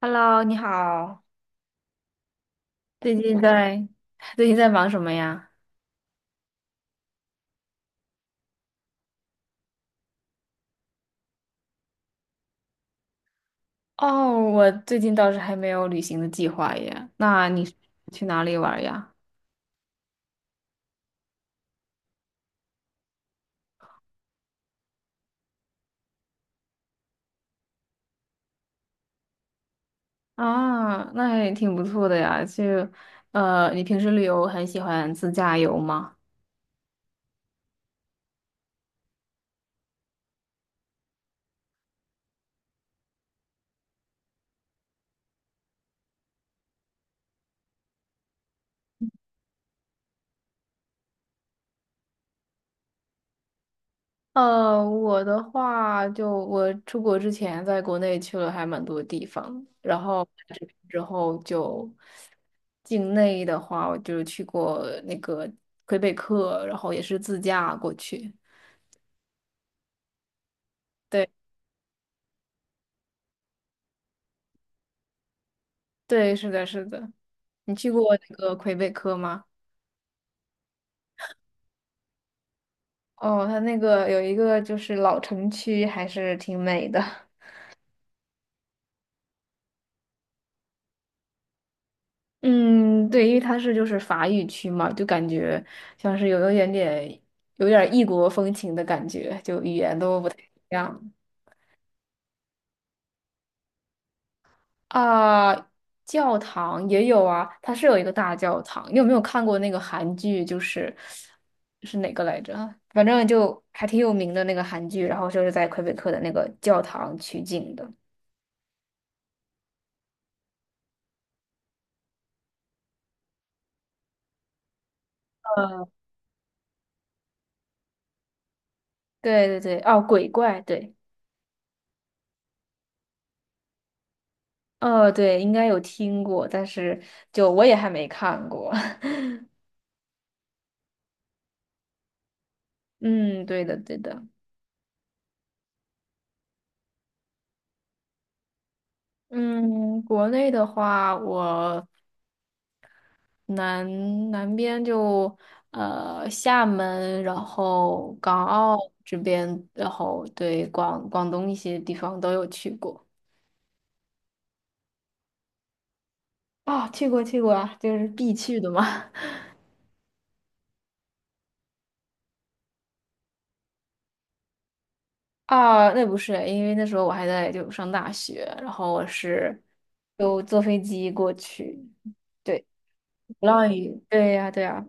Hello，你好，最近在最近在忙什么呀？哦，我最近倒是还没有旅行的计划耶。那你是去哪里玩呀？啊，那也挺不错的呀。你平时旅游很喜欢自驾游吗？呃，我的话，就我出国之前在国内去了还蛮多地方，然后来这边之后就境内的话，我就去过那个魁北克，然后也是自驾过去。对对，是的，是的。你去过那个魁北克吗？哦，它那个有一个就是老城区，还是挺美的。嗯，对，因为它是就是法语区嘛，就感觉像是有一点点有点异国风情的感觉，就语言都不太一样。啊，教堂也有啊，它是有一个大教堂。你有没有看过那个韩剧？就是是哪个来着啊？反正就还挺有名的那个韩剧，然后就是在魁北克的那个教堂取景的。呃，对对对，哦，鬼怪，对，哦对，应该有听过，但是就我也还没看过。嗯，对的对的。嗯，国内的话，我南南边就呃厦门，然后港澳这边，然后对广东一些地方都有去过。啊、去过去过啊，就是必去的嘛。啊，那不是，因为那时候我还在就上大学，然后我是就坐飞机过去。对，鼓浪屿，对呀、对呀、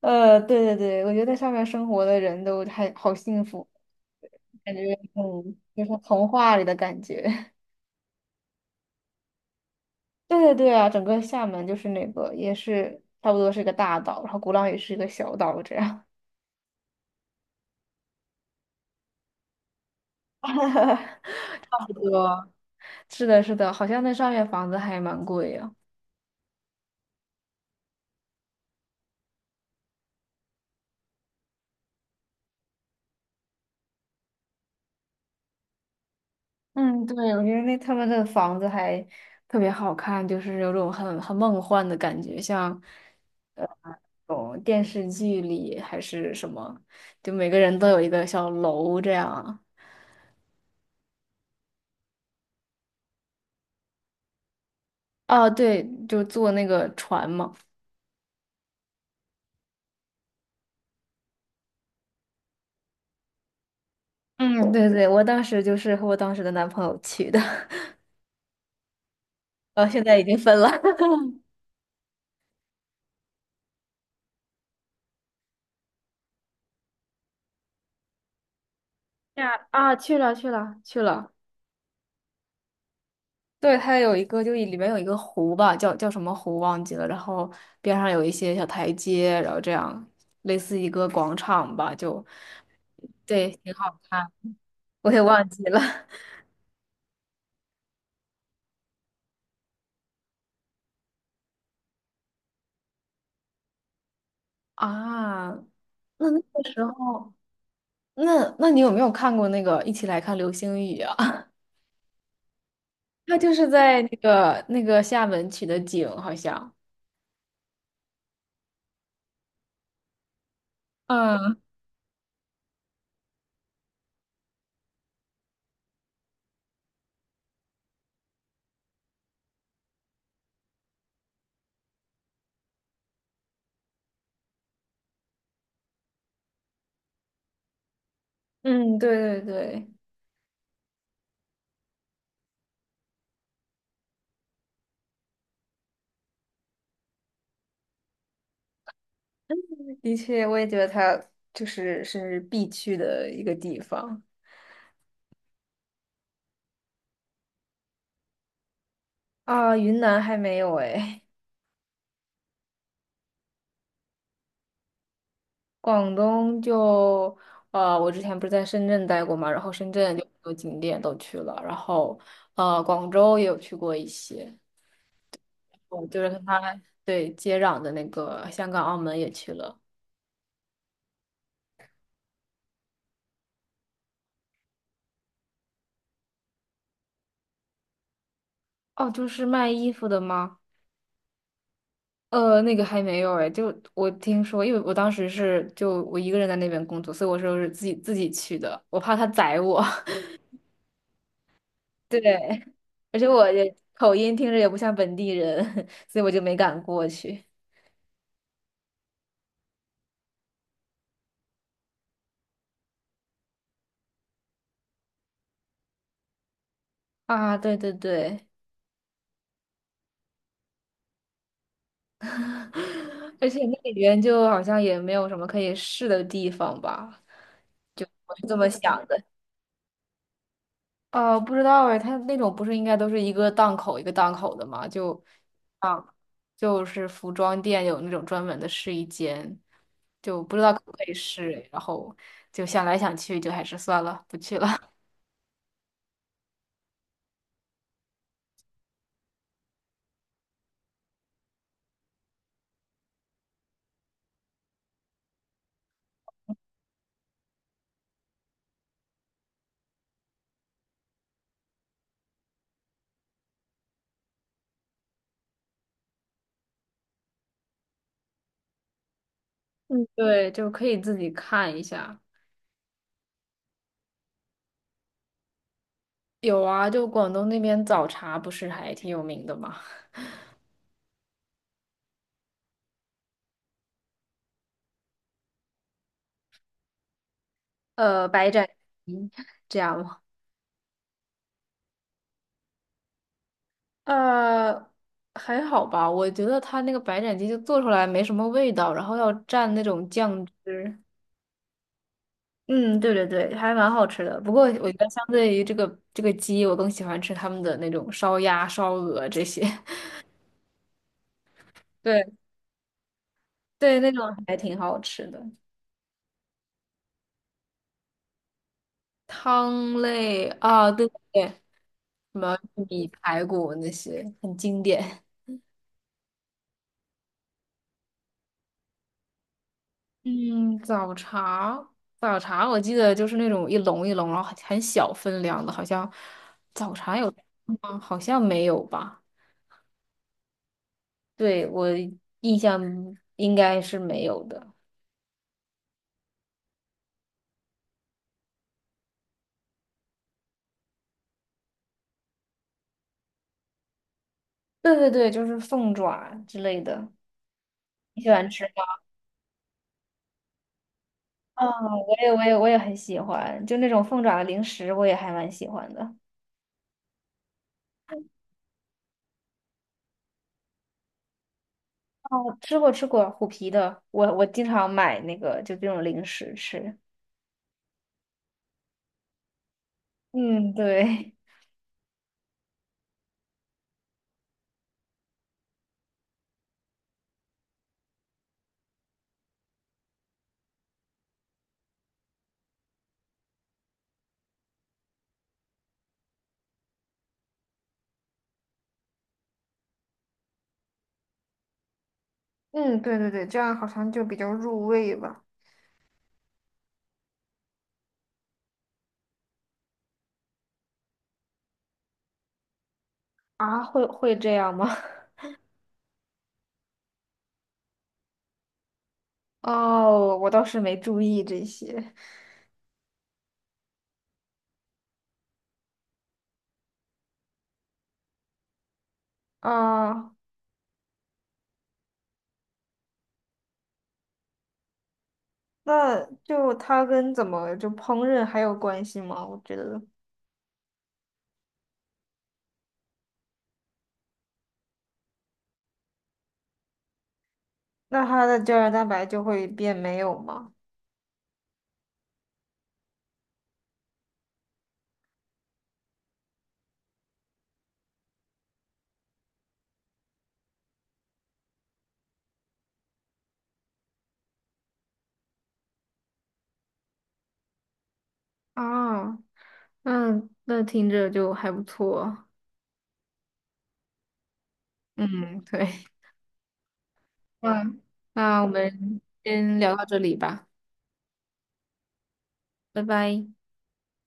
呃，对对对，我觉得在上面生活的人都还好幸福，感觉嗯，就是童话里的感觉。对对对啊，整个厦门就是那个也是差不多是个大岛，然后鼓浪屿是一个小岛这样。差不多。是的，是的，好像那上面房子还蛮贵呀、嗯，对，我觉得那他们的房子还特别好看，就是有种很梦幻的感觉，像呃，种电视剧里还是什么，就每个人都有一个小楼这样啊。哦，对，就坐那个船嘛。嗯，对对，我当时就是和我当时的男朋友去的。呃，现在已经分了。呀啊，去了，对，它有一个，就里面有一个湖吧，叫什么湖忘记了，然后边上有一些小台阶，然后这样类似一个广场吧，就对，挺好看。我也忘记了 啊。那那个时候，那那你有没有看过那个《一起来看流星雨》啊？它就是在那个厦门取的景，好像。嗯嗯，对对对。的确，我也觉得它就是是必去的一个地方啊。云南还没有哎，广东就呃，我之前不是在深圳待过嘛，然后深圳有很多景点都去了，然后呃，广州也有去过一些，我就是跟它对接壤的那个香港、澳门也去了。哦，就是卖衣服的吗？呃，那个还没有哎，就我听说，因为我当时是就我一个人在那边工作，所以我说是自己去的，我怕他宰我。对，而且我也口音听着也不像本地人，所以我就没敢过去。啊，对对对，而且那里边就好像也没有什么可以试的地方吧，就我是这么想的。哦，不知道哎，它那种不是应该都是一个档口的吗？就，啊，就是服装店有那种专门的试衣间，就不知道可不可以试哎然后就想来想去，就还是算了，不去了。嗯，对，就可以自己看一下。有啊，就广东那边早茶不是还挺有名的吗？呃，白斩鸡 这样吗？呃，还好吧，我觉得它那个白斩鸡就做出来没什么味道，然后要蘸那种酱汁。嗯，对对对，还蛮好吃的。不过我觉得相对于这个鸡，我更喜欢吃他们的那种烧鸭、烧鹅这些。对对，那种还挺好吃的。汤类啊，对对对，什么玉米排骨那些很经典。嗯，早茶，早茶，我记得就是那种一笼一笼，然后很小分量的，好像早茶有吗？好像没有吧？对，我印象应该是没有的。对对对，就是凤爪之类的，你喜欢吃吗？啊、我也很喜欢，就那种凤爪的零食，我也还蛮喜欢的。哦，吃过虎皮的，我经常买那个就这种零食吃。嗯，对，嗯，对对对，这样好像就比较入味吧。啊，会这样吗？哦，我倒是没注意这些。啊，那就它跟怎么就烹饪还有关系吗？我觉得，那它的胶原蛋白就会变没有吗？啊，那那听着就还不错。嗯，对，嗯，那我们先聊到这里吧，拜拜。